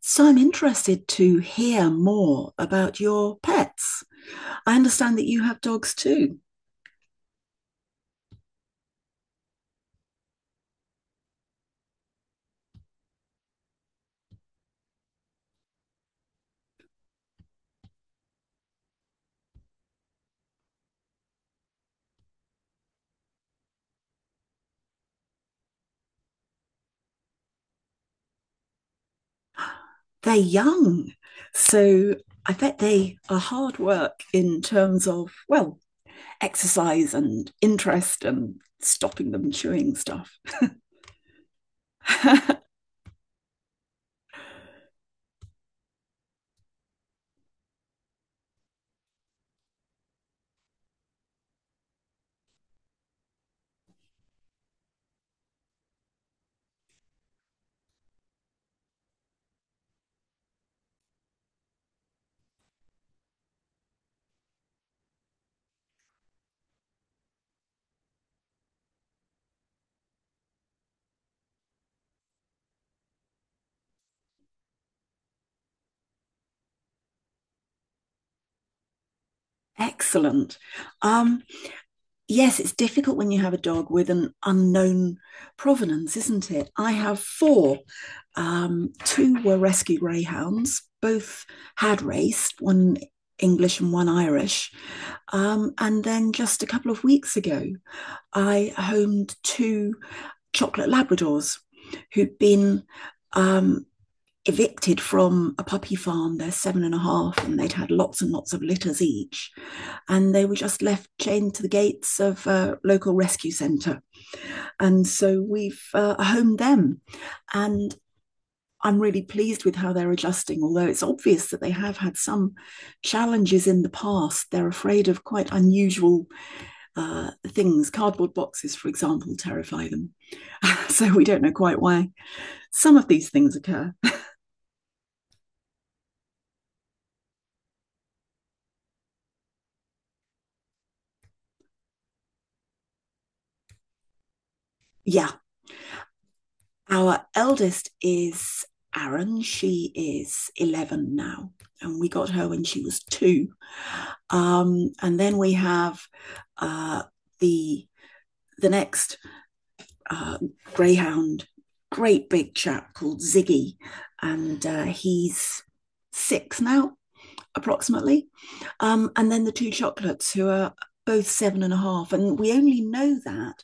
So I'm interested to hear more about your pets. I understand that you have dogs too. They're young. So I bet they are hard work in terms of, well, exercise and interest and stopping them chewing stuff. Excellent. Um, yes, it's difficult when you have a dog with an unknown provenance, isn't it? I have four. Two were rescue greyhounds, both had raced, one English and one Irish. And then just a couple of weeks ago, I homed two chocolate Labradors who'd been um, evicted from a puppy farm. They're seven and a half, and they'd had lots and lots of litters each. And they were just left chained to the gates of a local rescue centre. And so we've homed them. And I'm really pleased with how they're adjusting, although it's obvious that they have had some challenges in the past. They're afraid of quite unusual things. Cardboard boxes, for example, terrify them. So we don't know quite why some of these things occur. Yeah, our eldest is Aaron. She is 11 now, and we got her when she was 2. And then we have uh, the the next uh, greyhound, great big chap called Ziggy, and he's 6 now approximately. And then the two chocolates, who are both seven and a half. And we only know that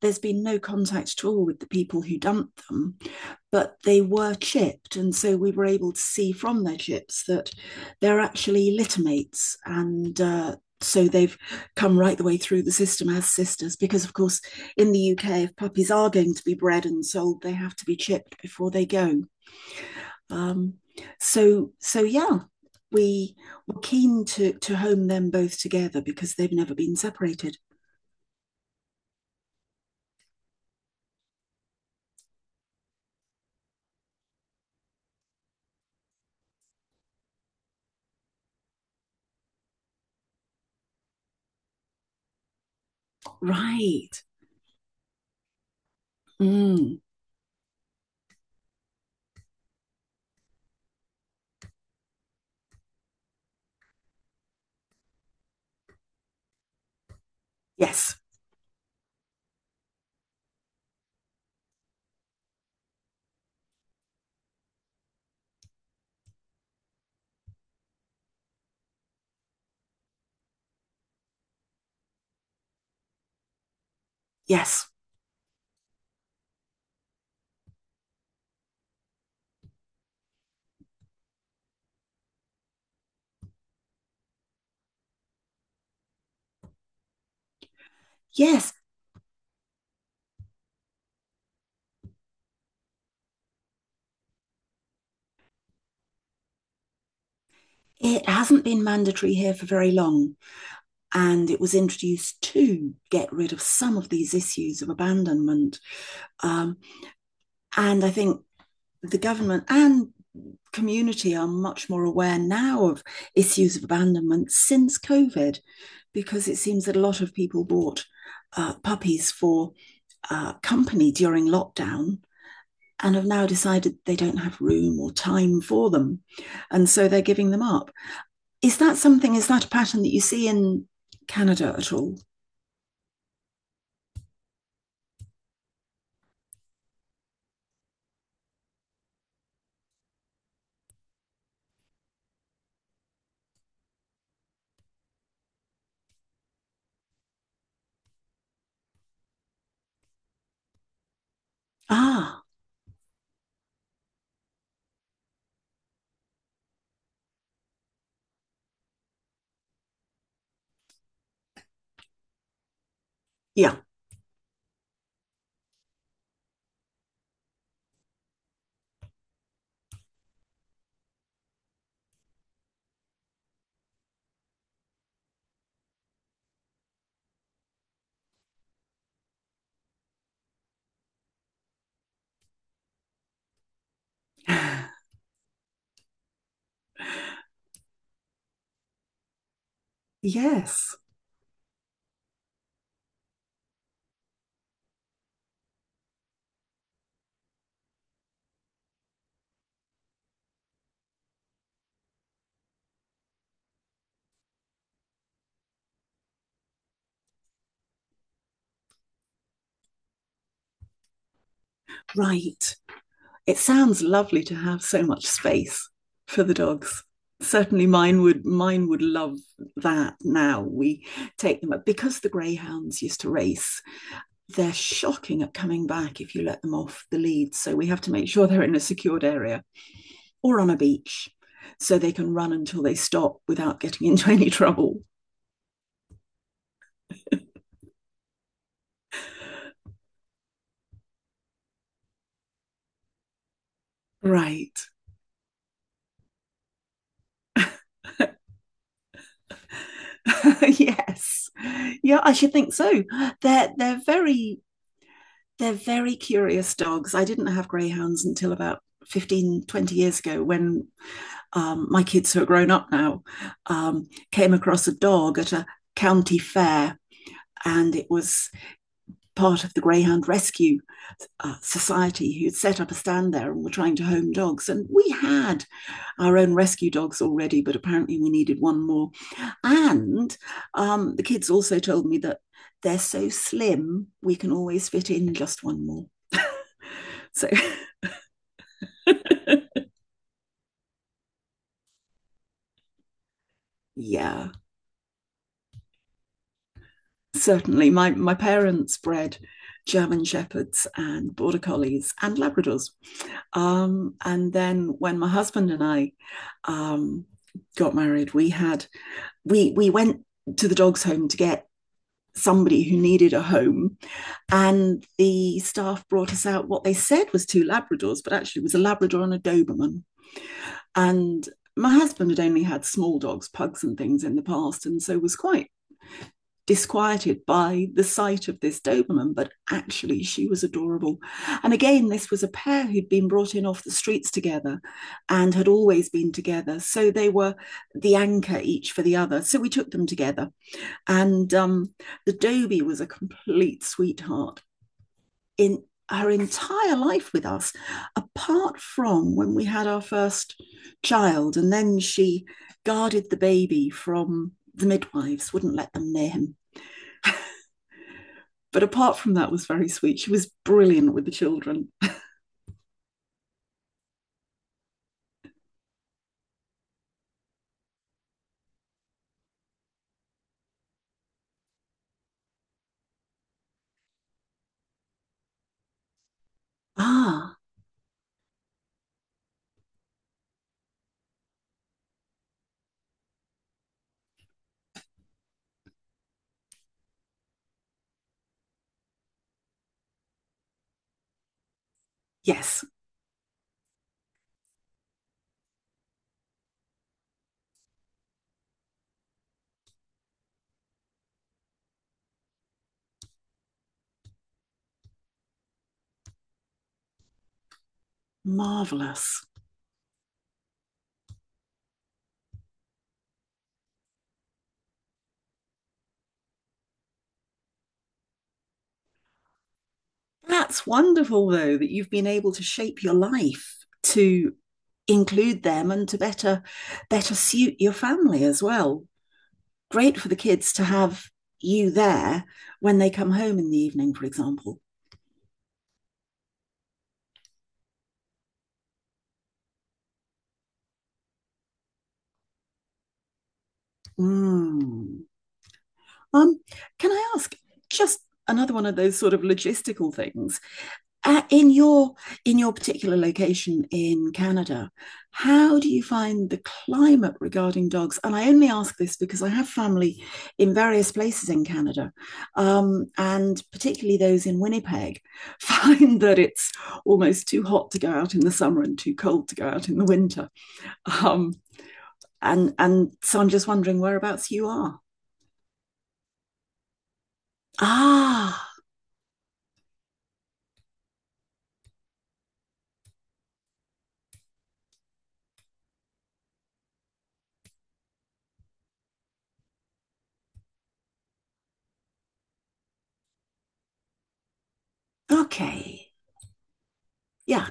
there's been no contact at all with the people who dumped them, but they were chipped. And so we were able to see from their chips that they're actually littermates. And so they've come right the way through the system as sisters, because of course, in the UK, if puppies are going to be bred and sold, they have to be chipped before they go. Um, so yeah, we were keen to home them both together because they've never been separated. Right. Mm. Yes. Yes. Yes. It hasn't been mandatory here for very long, and it was introduced to get rid of some of these issues of abandonment. Um, and I think the government and community are much more aware now of issues of abandonment since COVID, because it seems that a lot of people bought puppies for company during lockdown and have now decided they don't have room or time for them. And so they're giving them up. Is that a pattern that you see in Canada at all? Ah, yeah. Yes. Right. It sounds lovely to have so much space for the dogs. Certainly mine would love that. Now we take them up because the greyhounds used to race. They're shocking at coming back if you let them off the lead, so we have to make sure they're in a secured area or on a beach so they can run until they stop without getting into any trouble. Right. Yes, yeah, I should think so. They're they're very They're very curious dogs. I didn't have greyhounds until about 15, 20 years ago when my kids, who are grown up now, came across a dog at a county fair. And it was part of the Greyhound Rescue Society, who'd set up a stand there and were trying to home dogs. And we had our own rescue dogs already, but apparently we needed one more. And the kids also told me that they're so slim, we can always fit in just one more. So yeah, certainly. My parents bred German shepherds and border collies and Labradors. And then when my husband and I um, got married, we had we went to the dogs home to get somebody who needed a home. And the staff brought us out what they said was two Labradors, but actually it was a Labrador and a Doberman. And my husband had only had small dogs, pugs and things, in the past, and so was quite disquieted by the sight of this Doberman, but actually she was adorable. And again, this was a pair who'd been brought in off the streets together and had always been together. So they were the anchor each for the other. So we took them together. And the Dobie was a complete sweetheart in her entire life with us, apart from when we had our first child. And then she guarded the baby from the midwives, wouldn't let them near him. But apart from that, was very sweet. She was brilliant with the children. Ah, yes, marvelous. That's wonderful, though, that you've been able to shape your life to include them and to better suit your family as well. Great for the kids to have you there when they come home in the evening, for example. Mm. Um, can I ask just another one of those sort of logistical things? uh, in your in your particular location in Canada, how do you find the climate regarding dogs? And I only ask this because I have family in various places in Canada, and particularly those in Winnipeg find that it's almost too hot to go out in the summer and too cold to go out in the winter. Um, and so I'm just wondering whereabouts you are. Ah, okay, yeah,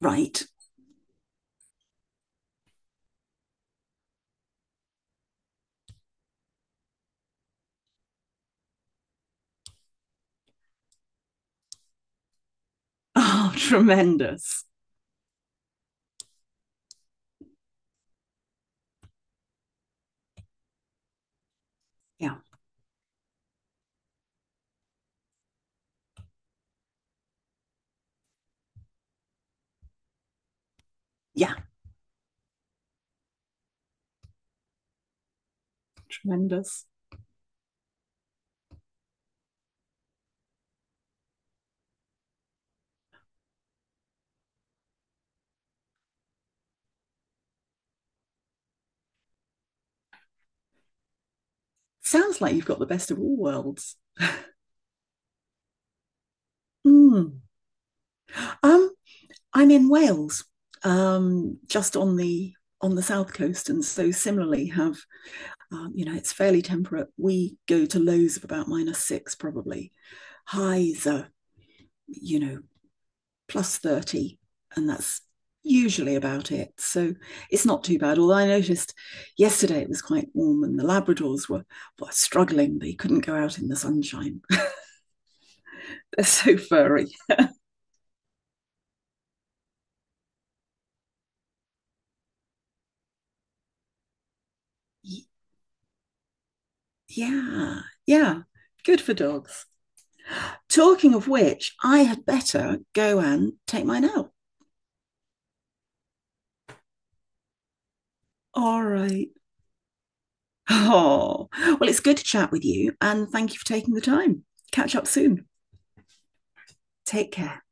right. Oh, tremendous. Yeah, yeah, tremendous. Sounds like you've got the best of all worlds. Mm. Um, I'm in Wales, just on the south coast, and so similarly have you know it's fairly temperate. We go to lows of about -6, probably highs are you know +30, and that's usually about it. So it's not too bad. Although I noticed yesterday it was quite warm, and the Labradors were struggling; they couldn't go out in the sunshine. They're so furry. Yeah, yeah, good for dogs. Talking of which, I had better go and take mine out. All right. Oh, well, it's good to chat with you, and thank you for taking the time. Catch up soon. Take care.